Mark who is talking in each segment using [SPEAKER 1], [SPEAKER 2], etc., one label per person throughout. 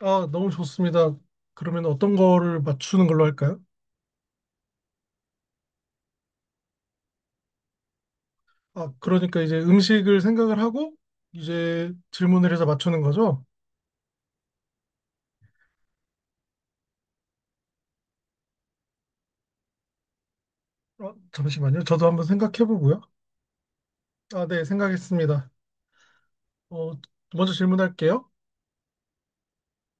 [SPEAKER 1] 아, 너무 좋습니다. 그러면 어떤 거를 맞추는 걸로 할까요? 아, 그러니까 이제 음식을 생각을 하고 이제 질문을 해서 맞추는 거죠? 잠시만요. 저도 한번 생각해 보고요. 아, 네, 생각했습니다. 어, 먼저 질문할게요.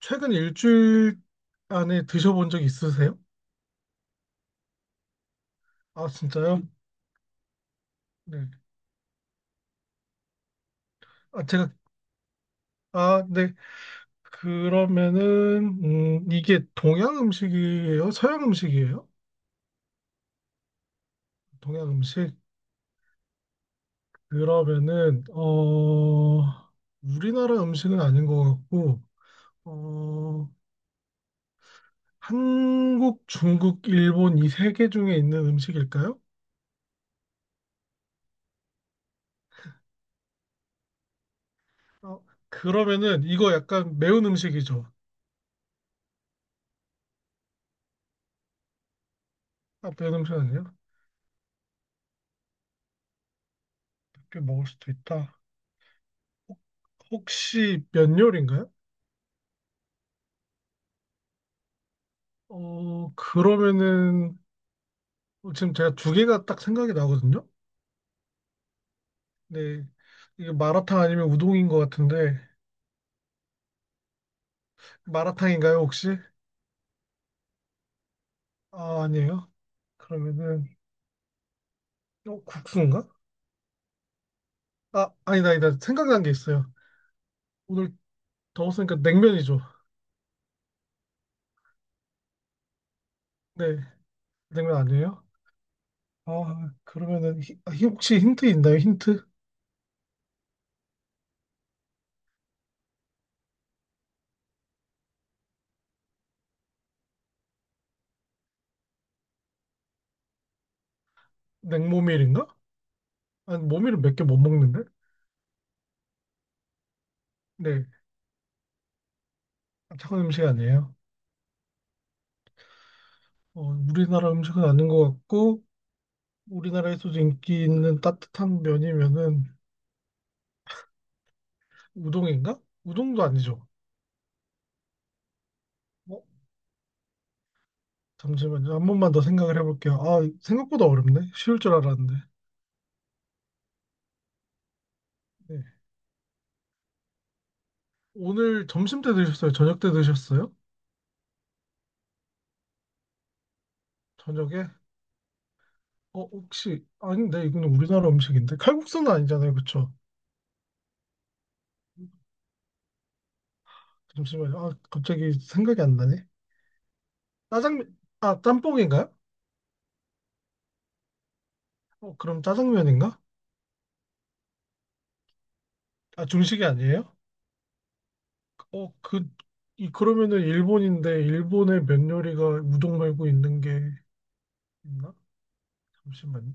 [SPEAKER 1] 최근 일주일 안에 드셔본 적 있으세요? 아, 진짜요? 네. 아, 제가, 아, 네. 그러면은, 이게 동양 음식이에요? 서양 음식이에요? 동양 음식? 그러면은 우리나라 음식은 아닌 것 같고 어 한국, 중국, 일본 이 세 개 중에 있는 음식일까요? 어 그러면은 이거 약간 매운 음식이죠? 아, 매운 음식 아니에요? 몇개 먹을 수도 있다. 혹- 혹시 면 요리인가요? 그러면은 지금 제가 두 개가 딱 생각이 나거든요. 네. 이게 마라탕 아니면 우동인 것 같은데 마라탕인가요 혹시? 아, 아니에요. 그러면은 국수인가? 아, 아니다, 아니다. 생각난 게 있어요. 오늘 더웠으니까 냉면이죠. 네, 냉면 아니에요? 아, 그러면은 혹시 힌트 있나요? 힌트? 냉모밀인가? 아니, 모밀은 몇 개 못 먹는데? 네, 차가운 음식 아니에요. 어, 우리나라 음식은 아닌 것 같고, 우리나라에서도 인기 있는 따뜻한 면이면은 우동인가? 우동도 아니죠. 어, 잠시만요. 한 번만 더 생각을 해볼게요. 아, 생각보다 어렵네. 쉬울 줄 알았는데. 네. 오늘 점심 때 드셨어요? 저녁 때 드셨어요? 저녁에? 혹시, 아닌데, 이거는 우리나라 음식인데? 칼국수는 아니잖아요, 그쵸? 잠시만요. 아, 갑자기 생각이 안 나네. 짜장면, 아, 짬뽕인가요? 그럼 짜장면인가? 아, 중식이 아니에요? 어, 그, 그러면은 일본인데, 일본의 면 요리가 우동 말고 있는 게 있나? 잠시만요.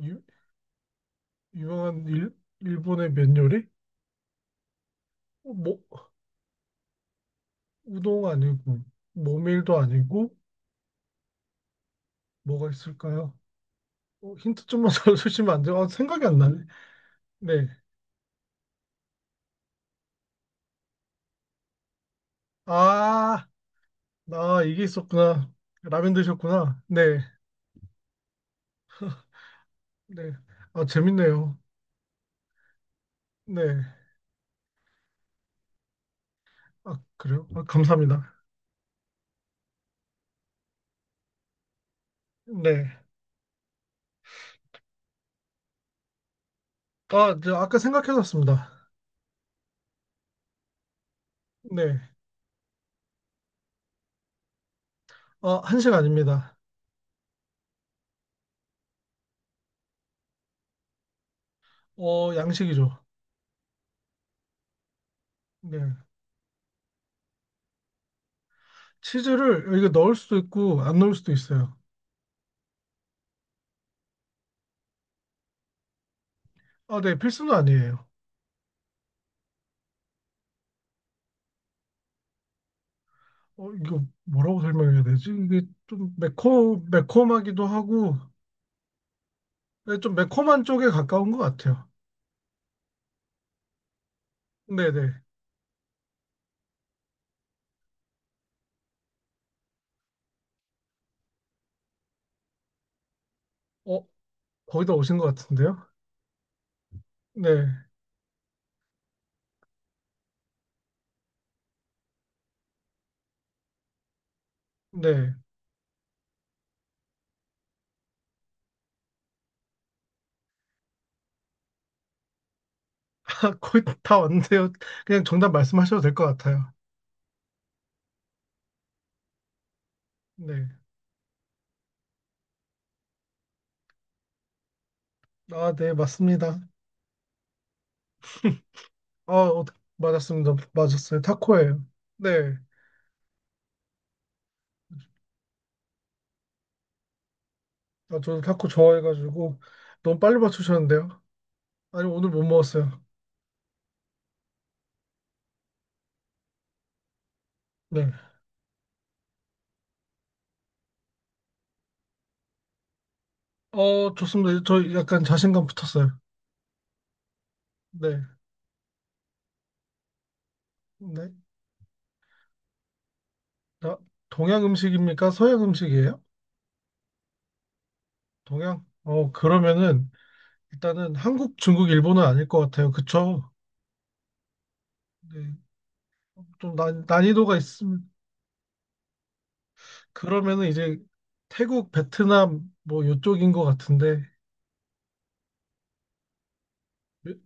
[SPEAKER 1] 유, 유명한 일본의 면 요리? 어, 뭐, 우동 아니고, 모밀도 아니고, 뭐가 있을까요? 어, 힌트 좀만 더 주시면 안 돼요? 아, 생각이 안 나네. 네. 아, 나 이게 있었구나. 라면 드셨구나. 네, 네. 아, 재밌네요. 네. 아, 그래요? 아, 감사합니다. 네. 아, 저 아까 생각해놨습니다. 네. 아, 한식 아닙니다. 어, 양식이죠. 네. 치즈를 여기 넣을 수도 있고, 안 넣을 수도 있어요. 아, 네. 필수는 아니에요. 어, 이거 뭐라고 설명해야 되지? 이게 좀 매콤하기도 하고, 네, 좀 매콤한 쪽에 가까운 것 같아요. 네네. 어, 거기다 오신 것 같은데요? 네. 네. 거의 다 왔는데요. 그냥 정답 말씀하셔도 될 것 같아요. 네. 아, 네, 맞습니다. 아, 어, 맞았습니다. 맞았어요. 타코예요. 네. 아, 저도 타코 좋아해가지고 너무 빨리 맞추셨는데요. 아니, 오늘 못 먹었어요. 네. 어, 좋습니다. 저 약간 자신감 붙었어요. 네. 네. 아, 동양 음식입니까? 서양 음식이에요? 동양? 그러면은 일단은 한국, 중국, 일본은 아닐 것 같아요. 그쵸? 네. 좀 난이도가 있음. 그러면은 이제 태국, 베트남 뭐 요쪽인 것 같은데 면-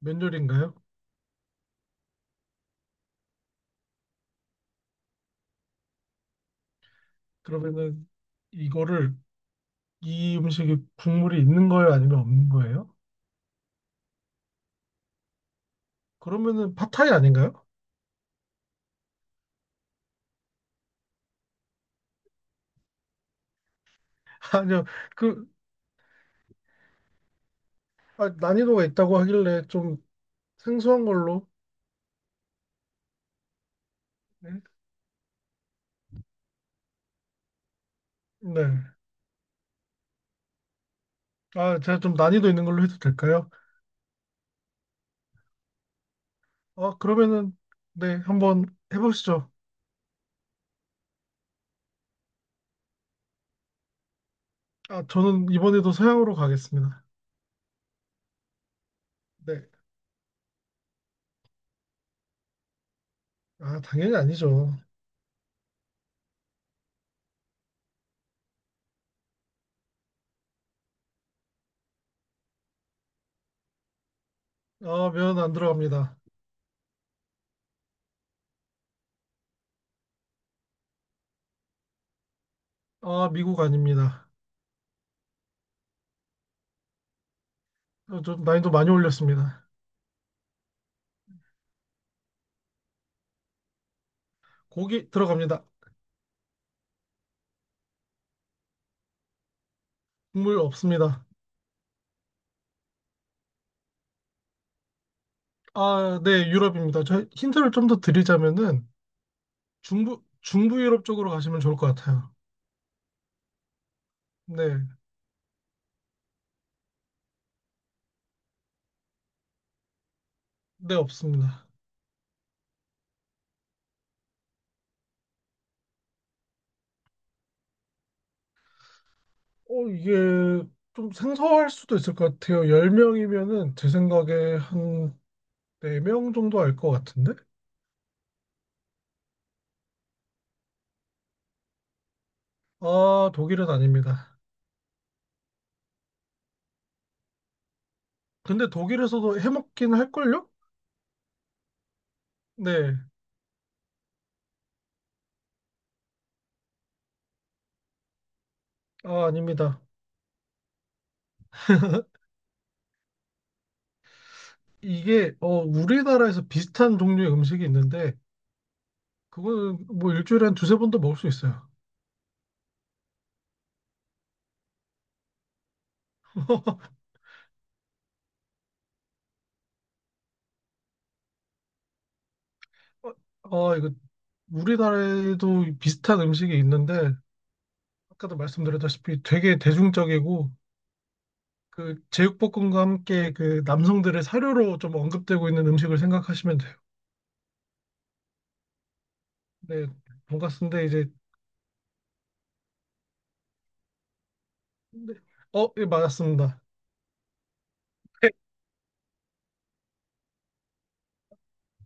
[SPEAKER 1] 면요리인가요? 그러면은 이거를 이 음식이 국물이 있는 거예요? 아니면 없는 거예요? 그러면은 팟타이 아닌가요? 아니요. 그 아, 난이도가 있다고 하길래 좀 생소한 걸로. 네. 네. 아, 제가 좀 난이도 있는 걸로 해도 될까요? 아, 그러면은 네, 한번 해보시죠. 아, 저는 이번에도 서양으로 가겠습니다. 네. 아, 당연히 아니죠. 아, 면 안 들어갑니다. 아, 미국 아닙니다. 어, 좀 난이도 많이 올렸습니다. 고기 들어갑니다. 국물 없습니다. 아, 네, 유럽입니다. 저 힌트를 좀 더 드리자면은 중부 유럽 쪽으로 가시면 좋을 것 같아요. 네, 네, 없습니다. 어, 이게 좀 생소할 수도 있을 것 같아요. 10명이면은 제 생각에 한 4명 정도 알 것 같은데? 아, 독일은 아닙니다. 근데 독일에서도 해먹긴 할걸요? 네, 아, 아닙니다. 이게 우리나라에서 비슷한 종류의 음식이 있는데 그거는 뭐 일주일에 한 두세 번도 먹을 수 있어요. 어 이거 우리나라에도 비슷한 음식이 있는데 아까도 말씀드렸다시피 되게 대중적이고 그 제육볶음과 함께 그 남성들의 사료로 좀 언급되고 있는 음식을 생각하시면 돼요. 네, 돈가스인데 이제 네. 맞았습니다. 네.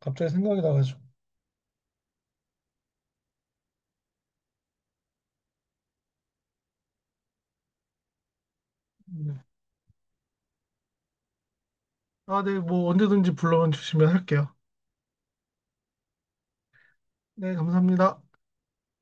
[SPEAKER 1] 갑자기 생각이 나가지고. 네. 아, 네, 뭐 언제든지 불러 주시면 할게요. 네, 감사합니다.